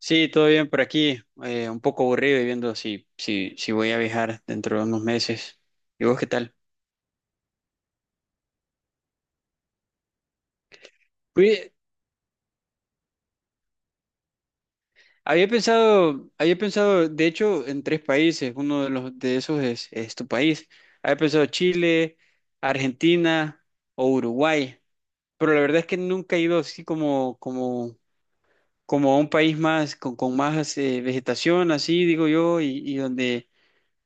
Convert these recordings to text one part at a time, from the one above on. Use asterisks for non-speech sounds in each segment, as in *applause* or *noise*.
Sí, todo bien por aquí. Un poco aburrido y viendo si voy a viajar dentro de unos meses. ¿Y vos qué tal? Oye, había pensado, de hecho, en tres países. Uno de los de esos es tu país. Había pensado Chile, Argentina o Uruguay. Pero la verdad es que nunca he ido así como a un país más, con más vegetación, así digo yo, y donde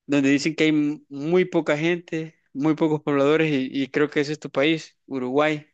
donde dicen que hay muy poca gente, muy pocos pobladores y creo que ese es tu país, Uruguay.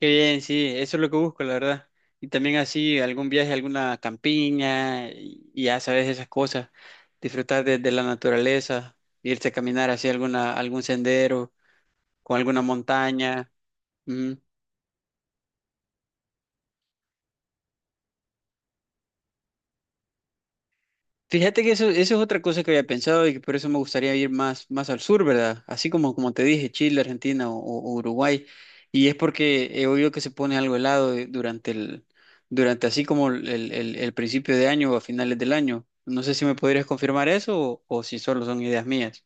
Qué bien, sí, eso es lo que busco, la verdad. Y también así algún viaje a alguna campiña y ya sabes esas cosas, disfrutar de la naturaleza, irse a caminar hacia algún sendero, con alguna montaña. Mm. Fíjate que eso es otra cosa que había pensado y que por eso me gustaría ir más al sur, ¿verdad? Así como te dije, Chile, Argentina o Uruguay. Y es porque he oído que se pone algo helado durante así como principio de año o a finales del año. No sé si me podrías confirmar eso o si solo son ideas mías.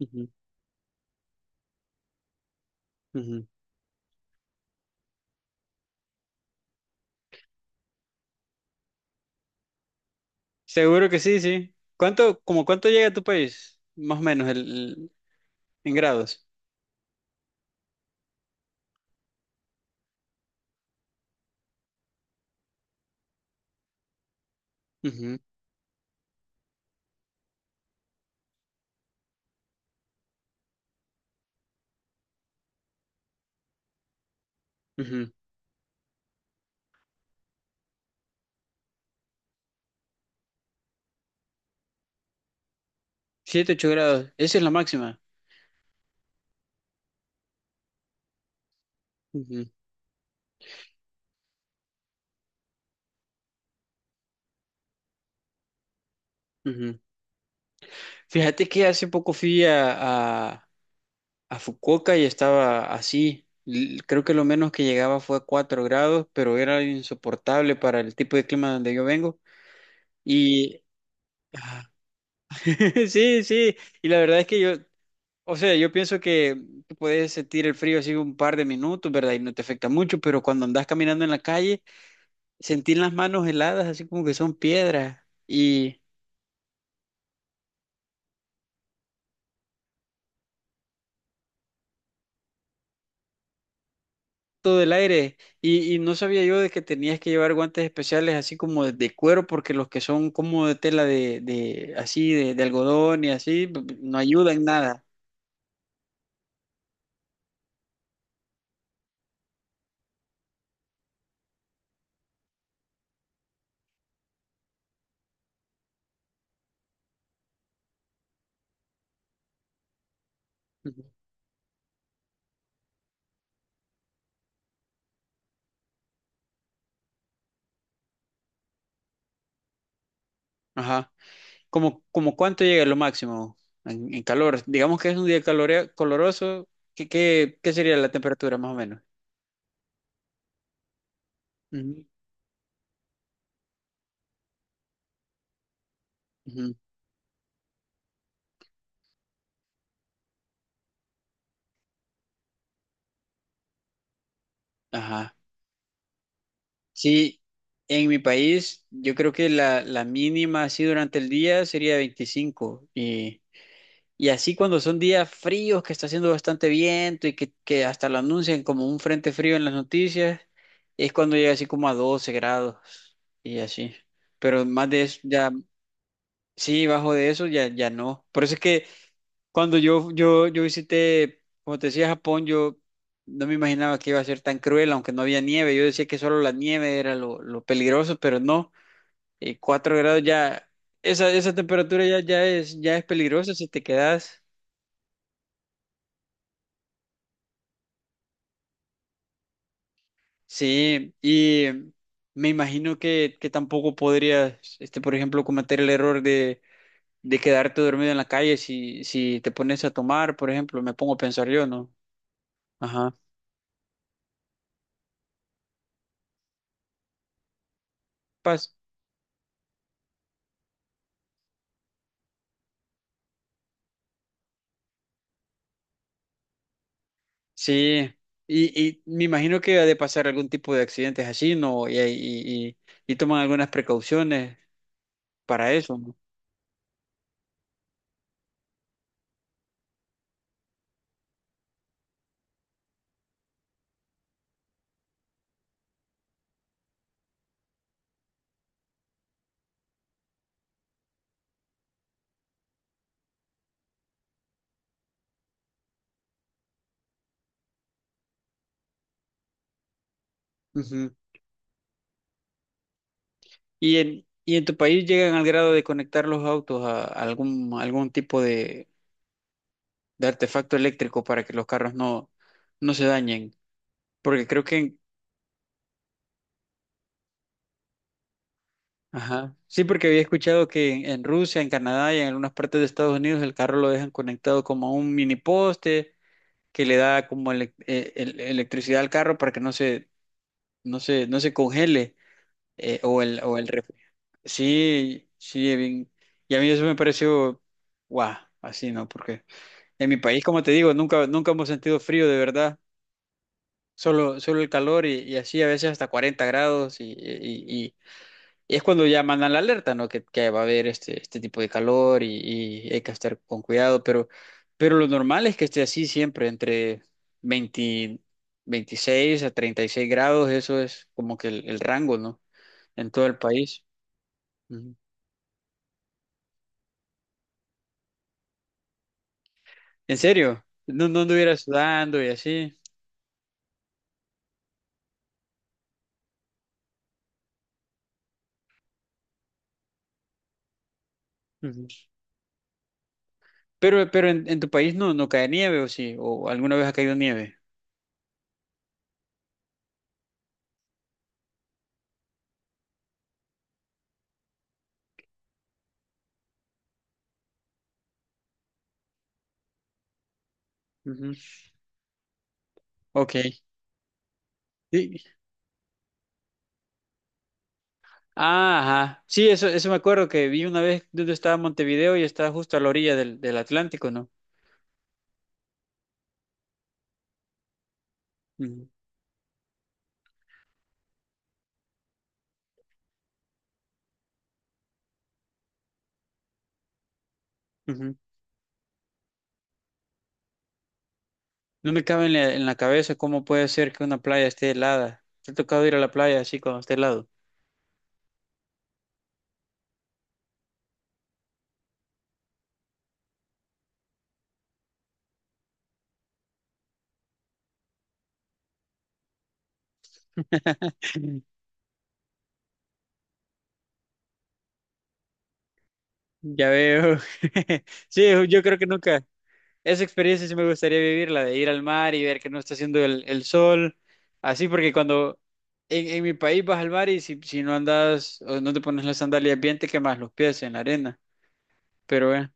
Ujú, ujú. Seguro que sí, sí. ¿ Como cuánto llega a tu país? Más o menos el- En grados. Ujú, ujú. 7, 8 grados. Esa es la máxima. Ujú, ujú. Fíjate que hace poco fui a Fukuoka y estaba así. Creo que lo menos que llegaba fue a 4 grados, pero era insoportable para el tipo de clima donde yo vengo. Y ah, *laughs* sí, sí, y la verdad es que yo, o sea, yo pienso que tú puedes sentir el frío así un par de minutos, ¿verdad? Y no te afecta mucho, pero cuando andas caminando en la calle, sentir las manos heladas, así como que son piedras. Y todo del aire. Y no sabía yo de que tenías que llevar guantes especiales así como de cuero, porque los que son como de tela de algodón y así, no ayudan nada. Ujú. Ajá. ¿Como cuánto llega lo máximo en calor? Digamos que es un día coloroso, ¿qué sería la temperatura más o menos? Ujú, ujú. Ajá. Sí, en mi país yo creo que la mínima así durante el día sería 25 y... Y así cuando son días fríos, que está haciendo bastante viento y que hasta lo anuncian como un frente frío en las noticias, es cuando llega así como a 12 grados y así. Pero más de eso, ya, sí, bajo de eso ya, ya no. Por eso es que cuando yo visité, como te decía, Japón, yo no me imaginaba que iba a ser tan cruel, aunque no había nieve. Yo decía que solo la nieve era lo peligroso, pero no. 4 grados ya, esa temperatura ya es peligrosa si te quedas. Sí, y me imagino que tampoco podrías, este, por ejemplo, cometer el error de quedarte dormido en la calle si te pones a tomar, por ejemplo, me pongo a pensar yo, ¿no? Ajá. Paz. Sí, y me imagino que ha de pasar algún tipo de accidentes así, ¿no? Y toman algunas precauciones para eso, ¿no? Ujú. ¿Y en tu país llegan al grado de conectar los autos a algún tipo de artefacto eléctrico para que los carros no se dañen. Porque creo que, ajá, sí, porque había escuchado que en Rusia, en Canadá y en algunas partes de Estados Unidos el carro lo dejan conectado como a un mini poste que le da como electricidad al carro para que no se congele eh, o el, o el ref- Sí, sí, bien. Y a mí eso me pareció, guau, así, ¿no? Porque en mi país, como te digo, nunca hemos sentido frío de verdad. Solo el calor y así a veces hasta 40 grados y es cuando ya mandan la alerta, ¿no? Que va a haber este tipo de calor y hay que estar con cuidado, pero lo normal es que esté así siempre, entre 20 26 a 36 grados, eso es como que el rango, ¿no? En todo el país. Ujú. ¿En serio? No anduviera sudando y así. Ujú. Pero en tu país no cae nieve o sí, o alguna vez ha caído nieve. Ujú. Ok. Sí, ah, ajá. Sí, eso me acuerdo que vi una vez donde estaba Montevideo y estaba justo a la orilla del Atlántico, ¿no? Ujú, ujú. No me cabe en la cabeza cómo puede ser que una playa esté helada. Te ha tocado ir a la playa así cuando esté helado. *laughs* Ya veo. *laughs* Sí, yo creo que nunca. Esa experiencia sí me gustaría vivirla, de ir al mar y ver que no está haciendo el sol. Así porque cuando en mi país vas al mar y si no andas o no te pones las sandalias bien, te quemas los pies en la arena. Pero bueno.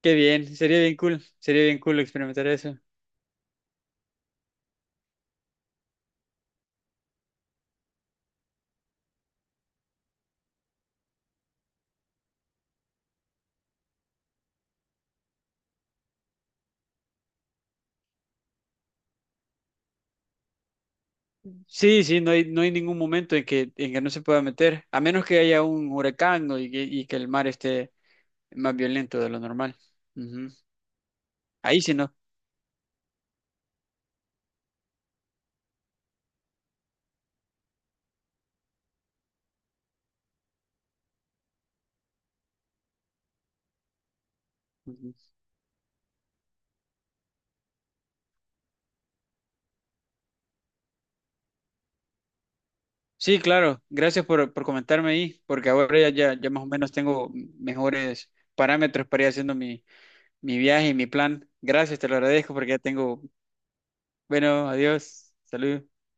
Qué bien, sería bien cool experimentar eso. Sí, sí, no hay ningún momento en que no se pueda meter, a menos que haya un huracán o y que el mar esté más violento de lo normal. Ujú. Ahí sí no. Ujú. Sí, claro, gracias por comentarme ahí, porque ahora ya más o menos tengo mejores parámetros para ir haciendo mi viaje y mi plan. Gracias, te lo agradezco porque ya tengo, bueno, adiós, salud.